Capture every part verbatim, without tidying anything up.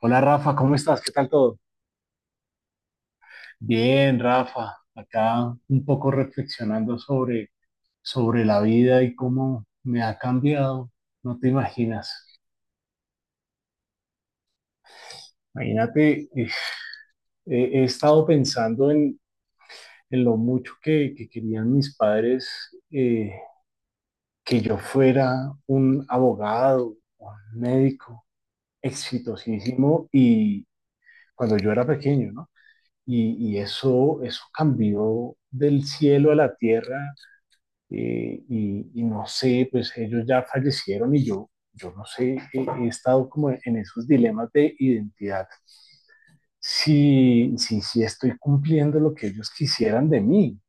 Hola Rafa, ¿cómo estás? ¿Qué tal todo? Bien, Rafa, acá un poco reflexionando sobre, sobre la vida y cómo me ha cambiado, no te imaginas. Imagínate, eh, he, he estado pensando en, en lo mucho que, que querían mis padres eh, que yo fuera un abogado, un médico exitosísimo y cuando yo era pequeño, ¿no? Y, y eso, eso cambió del cielo a la tierra, eh, y, y no sé, pues ellos ya fallecieron y yo, yo no sé, eh, he estado como en esos dilemas de identidad. Si, si, si estoy cumpliendo lo que ellos quisieran de mí.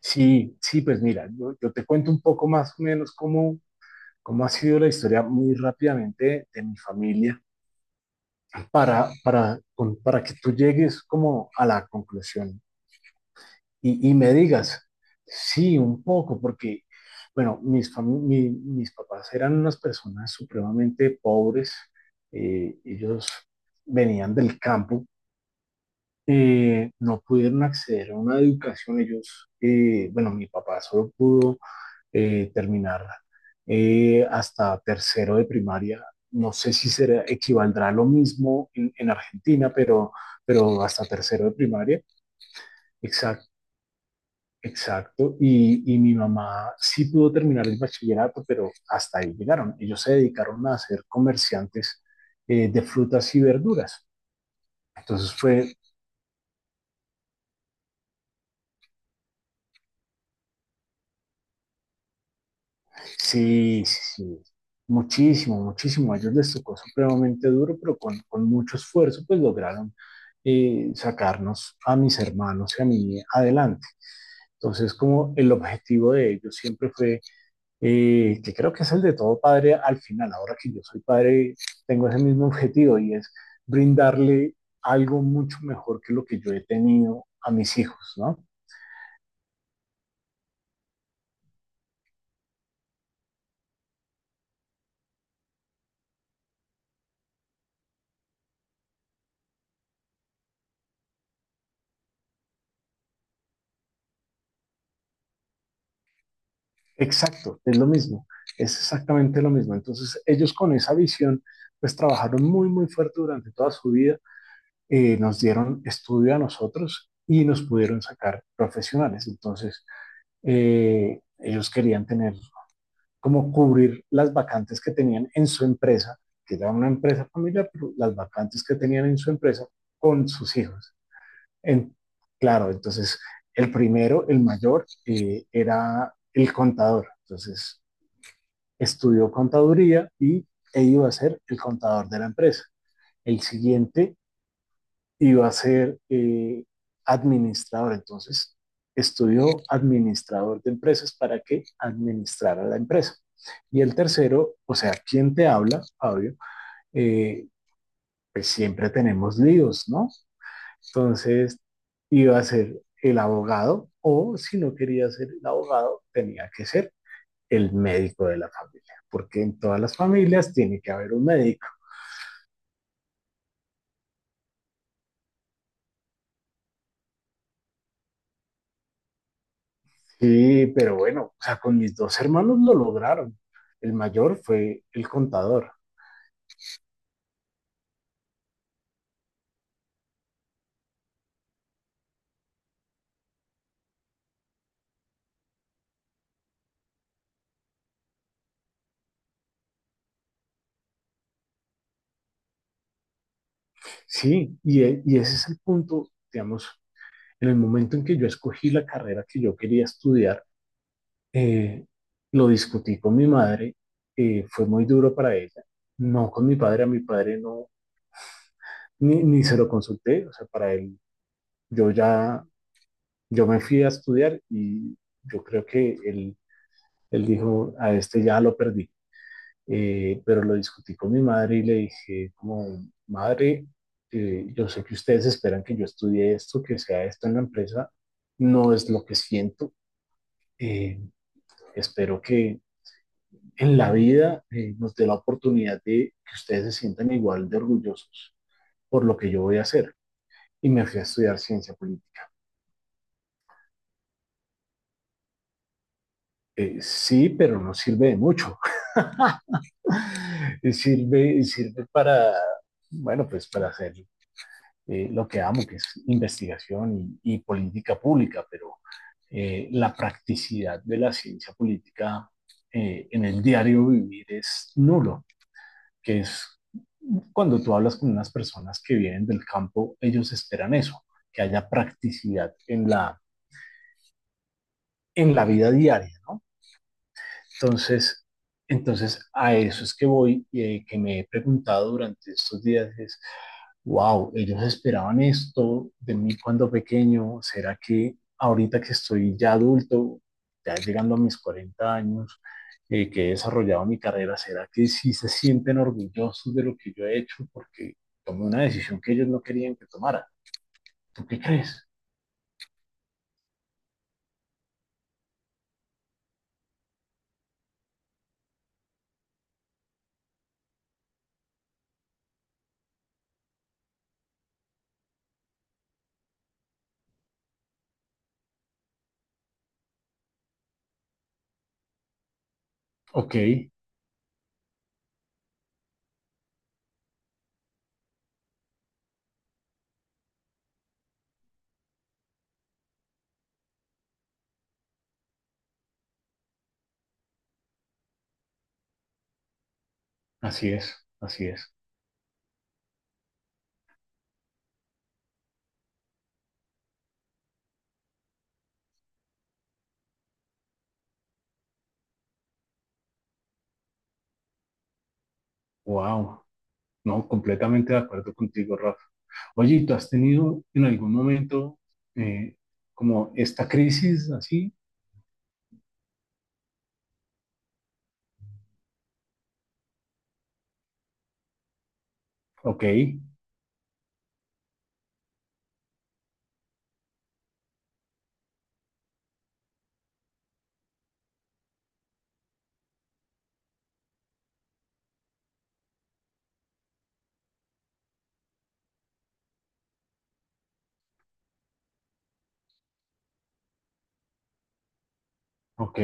Sí, sí, pues mira, yo, yo te cuento un poco más o menos cómo, cómo ha sido la historia muy rápidamente de, de mi familia para, para, con- para que tú llegues como a la conclusión y, y me digas, sí, un poco, porque, bueno, mis, fami- mi- mis papás eran unas personas supremamente pobres, eh, ellos venían del campo, eh, no pudieron acceder a una educación, ellos, eh, bueno, mi papá solo pudo eh, terminar eh, hasta tercero de primaria. No sé si será, equivaldrá a lo mismo en, en Argentina, pero, pero hasta tercero de primaria. Exacto, y, y mi mamá sí pudo terminar el bachillerato, pero hasta ahí llegaron. Ellos se dedicaron a ser comerciantes, eh, de frutas y verduras. Entonces fue, sí, sí, sí, muchísimo, muchísimo. A ellos les tocó supremamente duro, pero con, con mucho esfuerzo, pues lograron eh, sacarnos a mis hermanos y a mí adelante. Entonces, como el objetivo de ellos siempre fue, eh, que creo que es el de todo padre al final, ahora que yo soy padre, tengo ese mismo objetivo y es brindarle algo mucho mejor que lo que yo he tenido a mis hijos, ¿no? Exacto, es lo mismo, es exactamente lo mismo. Entonces ellos con esa visión, pues trabajaron muy, muy fuerte durante toda su vida, eh, nos dieron estudio a nosotros y nos pudieron sacar profesionales. Entonces, eh, ellos querían tener como cubrir las vacantes que tenían en su empresa, que era una empresa familiar, pero las vacantes que tenían en su empresa con sus hijos. En, claro, entonces el primero, el mayor, eh, era el contador. Entonces estudió contaduría y e iba a ser el contador de la empresa. El siguiente iba a ser eh, administrador. Entonces, estudió administrador de empresas para que administrara la empresa. Y el tercero, o sea, quien te habla, Fabio, eh, pues siempre tenemos líos, ¿no? Entonces, iba a ser el abogado o si no quería ser el abogado, tenía que ser el médico de la familia, porque en todas las familias tiene que haber un médico. Sí, pero bueno, o sea, con mis dos hermanos lo lograron. El mayor fue el contador. Sí, y, e- y ese es el punto, digamos, en el momento en que yo escogí la carrera que yo quería estudiar, eh, lo discutí con mi madre, eh, fue muy duro para ella, no con mi padre, a mi padre no, ni, ni se lo consulté, o sea, para él, yo ya, yo me fui a estudiar y yo creo que él, él dijo, a este ya lo perdí. Eh, pero lo discutí con mi madre y le dije, como, madre, eh, yo sé que ustedes esperan que yo estudie esto, que sea esto en la empresa, no es lo que siento. Eh, Espero que en la vida eh, nos dé la oportunidad de que ustedes se sientan igual de orgullosos por lo que yo voy a hacer. Y me fui a estudiar ciencia política. Eh, sí, pero no sirve de mucho. Sirve, sirve para, bueno, pues para hacer eh, lo que amo, que es investigación y, y política pública, pero eh, la practicidad de la ciencia política eh, en el diario vivir es nulo, que es cuando tú hablas con unas personas que vienen del campo, ellos esperan eso, que haya practicidad en la, en la vida diaria, ¿no? Entonces, entonces, a eso es que voy, eh, que me he preguntado durante estos días es wow, ellos esperaban esto de mí cuando pequeño, ¿será que ahorita que estoy ya adulto, ya llegando a mis cuarenta años, eh, que he desarrollado mi carrera, será que sí se sienten orgullosos de lo que yo he hecho? Porque tomé una decisión que ellos no querían que tomara. ¿Tú qué crees? Ok, así es, así es. Wow, no, completamente de acuerdo contigo, Rafa. Oye, ¿y ¿tú has tenido en algún momento eh, como esta crisis así? Ok, Ok,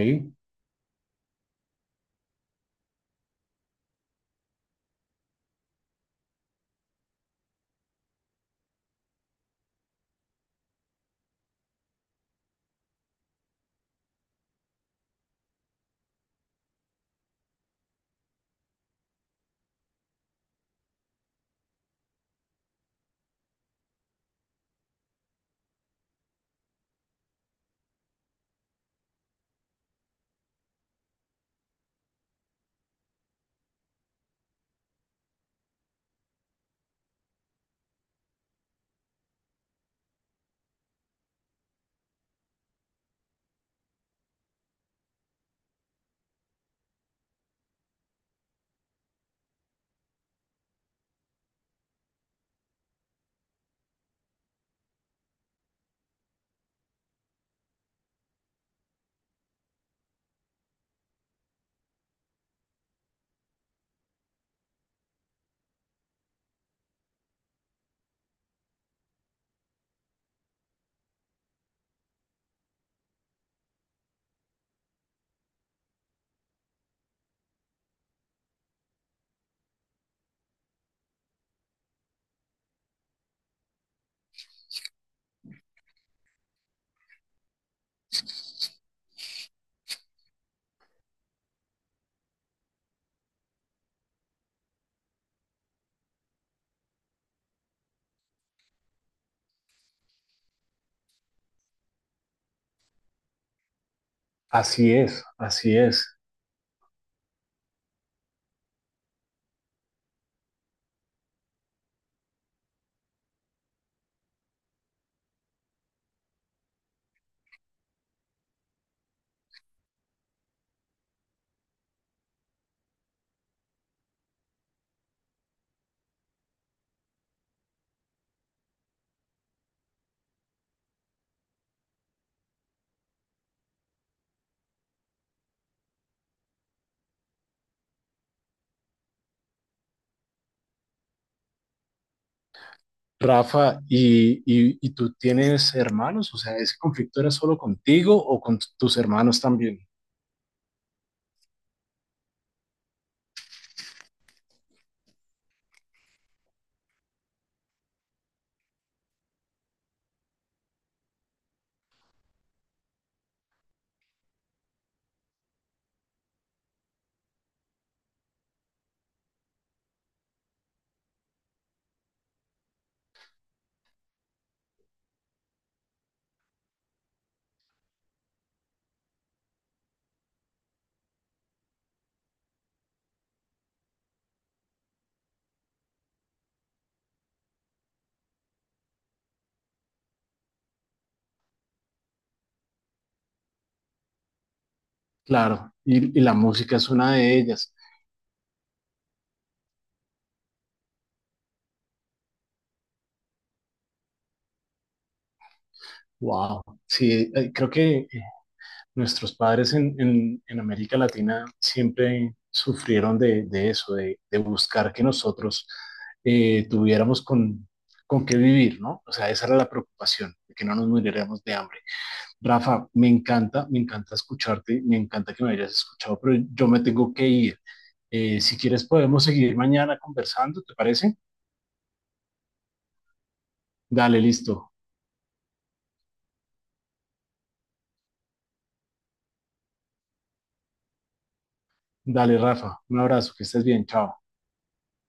así es, así es. Rafa, ¿y, y, y tú tienes hermanos? O sea, ¿ese conflicto era solo contigo o con t- tus hermanos también? Claro, y, y la música es una de ellas. Wow, sí, eh, creo que eh, nuestros padres en, en, en América Latina siempre sufrieron de, de eso, de, de buscar que nosotros eh, tuviéramos con, con qué vivir, ¿no? O sea, esa era la preocupación, de que no nos muriéramos de hambre. Rafa, me encanta, me encanta escucharte, me encanta que me hayas escuchado, pero yo me tengo que ir. Eh, si quieres, podemos seguir mañana conversando, ¿te parece? Dale, listo. Dale, Rafa, un abrazo, que estés bien, chao.